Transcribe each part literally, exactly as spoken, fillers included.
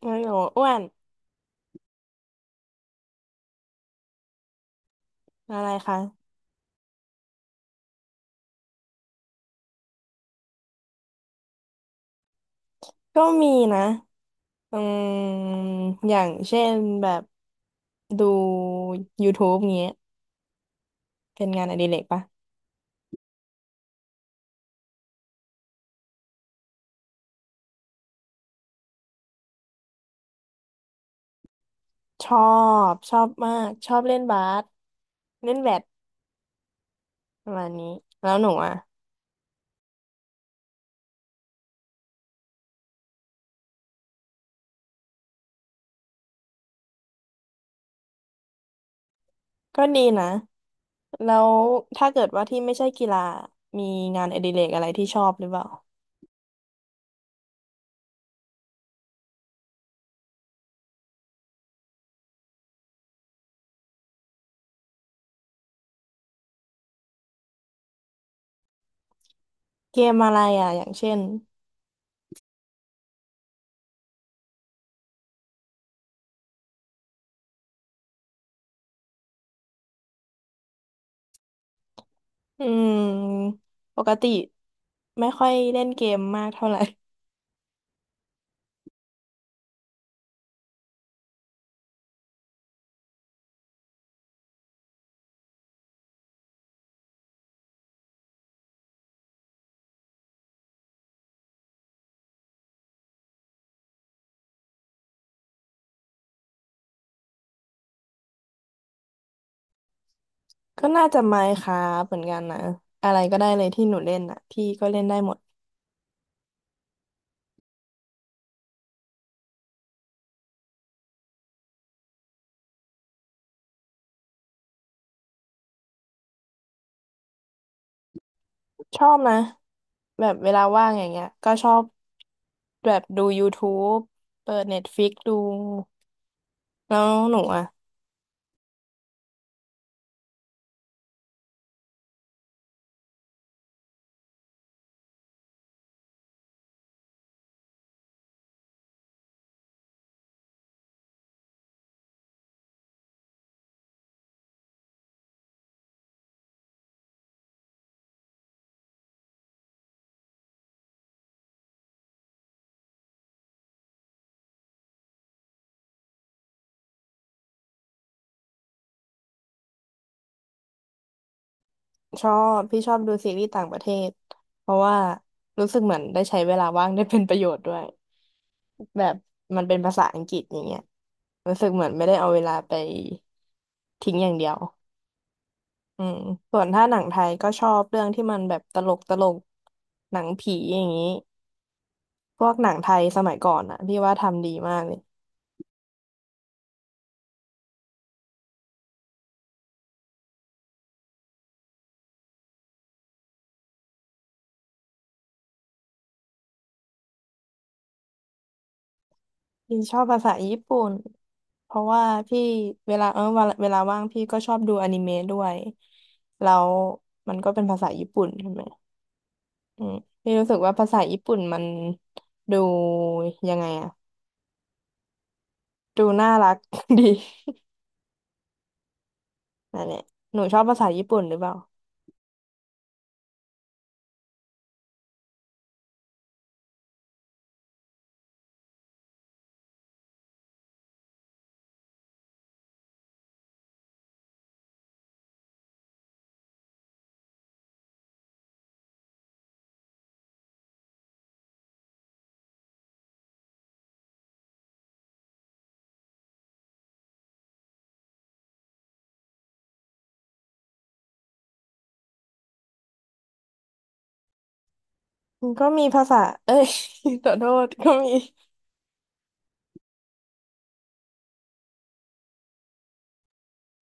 โอ้โหอ้วนอะไรคะก็มีนะอืมอย่างเช่นแบบดู YouTube เงี้ยเป็นงานอดิเรกปะชอบชอบมากชอบเล่นบาสเล่นแบดประมาณนี้แล้วหนูอ่ะก็ดีนะแล้วถ้าเกิดว่าที่ไม่ใช่กีฬามีงานอดิเรกอะไรที่ชอบหรือเปล่าเกมอะไรอ่ะอย่างเช่นอืมปกติไม่ค่อยเล่นเกมมากเท่าไหร่ ก็น่าจะไมน์ครัเหมือนกันนะอะไรก็ได้เลยที่หนูเล่นอ่ะพี่ก็เล่นได้หมดชอบนะแบบเวลาว่างอย่างเงี้ยก็ชอบแบบดูยูทู ยู อี เปิด Netflix ดูแล้วหนูอ่ะชอบพี่ชอบดูซีรีส์ต่างประเทศเพราะว่ารู้สึกเหมือนได้ใช้เวลาว่างได้เป็นประโยชน์ด้วยแบบมันเป็นภาษาอังกฤษอย่างเงี้ยรู้สึกเหมือนไม่ได้เอาเวลาไปทิ้งอย่างเดียว อืมส่วนถ้าหนังไทยก็ชอบเรื่องที่มันแบบตลกตลกหนังผีอย่างนี้พวกหนังไทยสมัยก่อนอะพี่ว่าทำดีมากเลยพี่ชอบภาษาญี่ปุ่นเพราะว่าพี่เวลาเออเวลาเวลาว่างพี่ก็ชอบดูอนิเมะด้วยแล้วมันก็เป็นภาษาญี่ปุ่นใช่ไหมอืมพี่รู้สึกว่าภาษาญี่ปุ่นมันดูยังไงอะดูน่ารัก ดีนั่นแหละหนูชอบภาษาญี่ปุ่นหรือเปล่าก็มีภาษาเอ้ย ขอโทษก็มี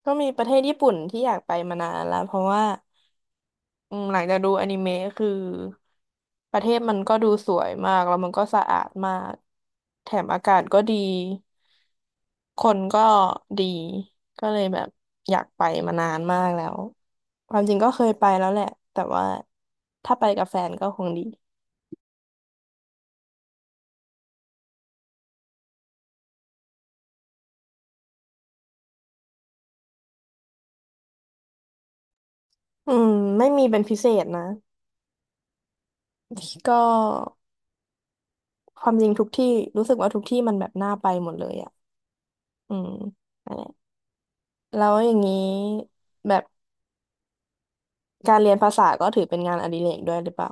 ก็มีประเทศญี่ปุ่นที่อยากไปมานานแล้วเพราะว่าอืมหลังจากดูอนิเมะคือประเทศมันก็ดูสวยมากแล้วมันก็สะอาดมากแถมอากาศก็ดีคนก็ดีก็เลยแบบอยากไปมานานมากแล้วความจริงก็เคยไปแล้วแหละแต่ว่าถ้าไปกับแฟนก็คงดีอืมไม่มีเป็นพิเศษนะก็ความจริงทุกที่รู้สึกว่าทุกที่มันแบบน่าไปหมดเลยอ่ะอืม แล้วอย่างนี้แบบการเรียนภาษาก็ถือเป็นงานอดิเรกด้วยหรือเปล่า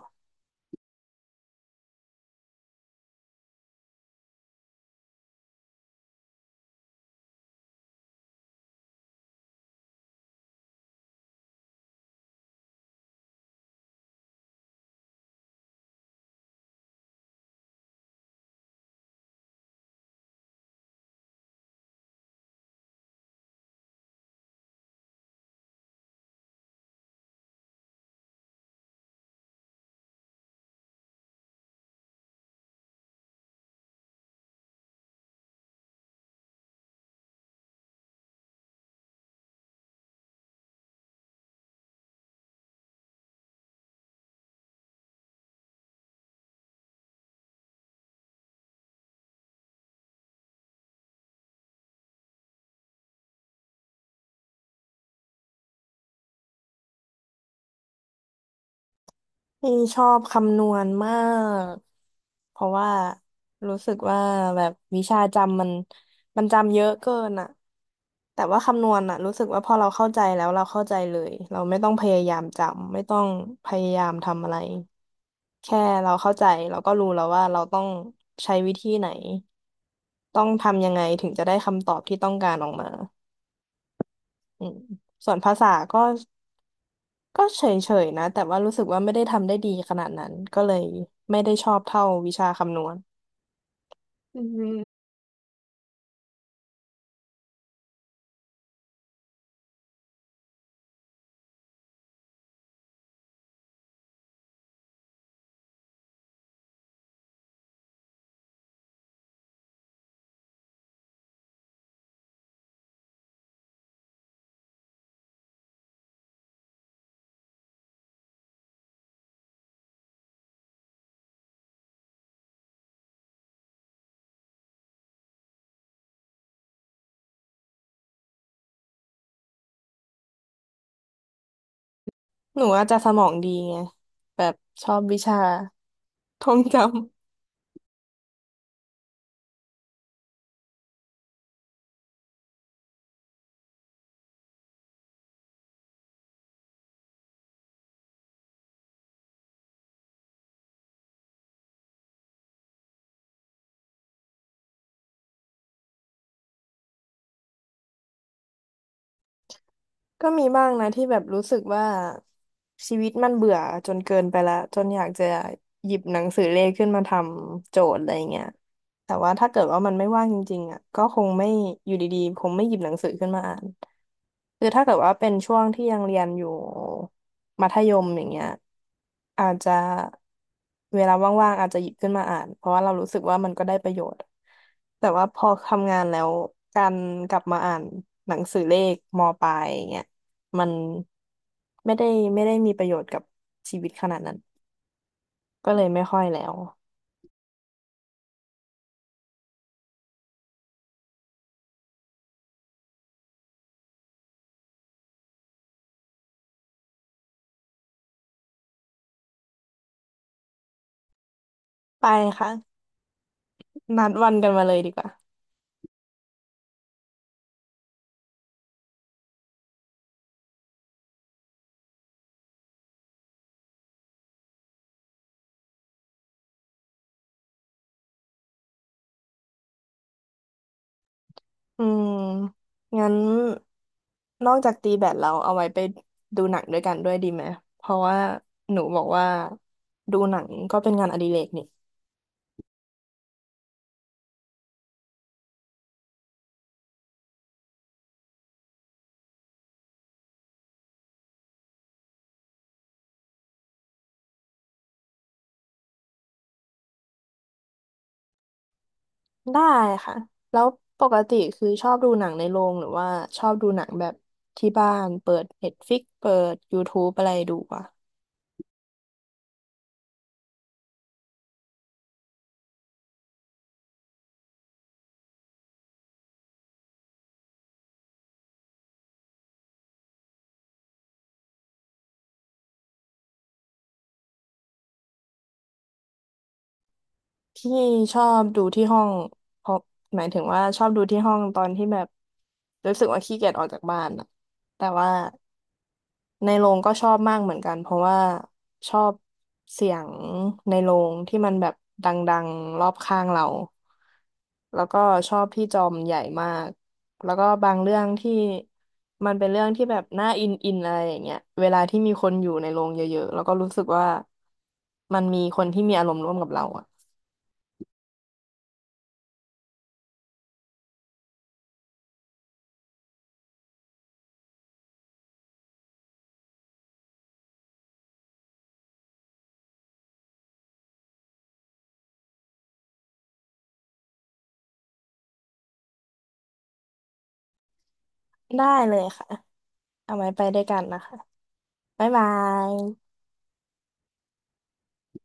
นี่ชอบคำนวณมากเพราะว่ารู้สึกว่าแบบวิชาจำมันมันจำเยอะเกินอะแต่ว่าคำนวณอะรู้สึกว่าพอเราเข้าใจแล้วเราเข้าใจเลยเราไม่ต้องพยายามจำไม่ต้องพยายามทำอะไรแค่เราเข้าใจเราก็รู้แล้วว่าเราต้องใช้วิธีไหนต้องทำยังไงถึงจะได้คำตอบที่ต้องการออกมา อืมส่วนภาษาก็ก็เฉยๆนะแต่ว่ารู้สึกว่าไม่ได้ทำได้ดีขนาดนั้นก็เลยไม่ได้ชอบเท่าวิชาคำนวณอืมหนูอาจจะสมองดีไงแบบชอบวิชาท่องจ ก็มีบ้างนะที่แบบรู้สึกว่าชีวิตมันเบื่อจนเกินไปละจนอยากจะหยิบหนังสือเลขขึ้นมาทำโจทย์อะไรเงี้ยแต่ว่าถ้าเกิดว่ามันไม่ว่างจริงๆอ่ะก็คงไม่อยู่ดีๆคงไม่หยิบหนังสือขึ้นมาอ่านคือถ้าเกิดว่าเป็นช่วงที่ยังเรียนอยู่มัธยมอย่างเงี้ยอาจจะเวลาว่างๆอาจจะหยิบขึ้นมาอ่านเพราะว่าเรารู้สึกว่ามันก็ได้ประโยชน์แต่ว่าพอทำงานแล้วการกลับมาอ่านหนังสือเลขมปลายอย่างเงี้ย มันไม่ได้ไม่ได้มีประโยชน์กับชีวิตขนาดนั้นก็เลยไม่ค่อยแล้วไปค่ะนัดวันกันมาเลยดีกว่าอืมงั้นนอกจากตีแบดเราเอาไว้ไปดูหนังด้วยกันด้วยดีไหมเพราะว่าหนูบอกว่าดูหนังก็เป็นงานอดิเรกนี่ได้ค่ะแล้วปกติคือชอบดูหนังในโรงหรือว่าชอบดูหนังแบบที่บ้านเปิด Netflix เปิด YouTube อะไรดูอ่ะ ที่ชอบดูที่ห้องเพราะหมายถึงว่าชอบดูที่ห้องตอนที่แบบรู้สึกว่าขี้เกียจออกจากบ้านอะแต่ว่าในโรงก็ชอบมากเหมือนกันเพราะว่าชอบเสียงในโรงที่มันแบบดังๆรอบข้างเราแล้วก็ชอบที่จอมใหญ่มากแล้วก็บางเรื่องที่มันเป็นเรื่องที่แบบน่าอินอินอะไรอย่างเงี้ยเวลาที่มีคนอยู่ในโรงเยอะๆแล้วก็รู้สึกว่ามันมีคนที่มีอารมณ์ร่วมกับเราอะได้เลยค่ะ เอาไว้ไปด้วยกันนะคะ บ๊ายบาย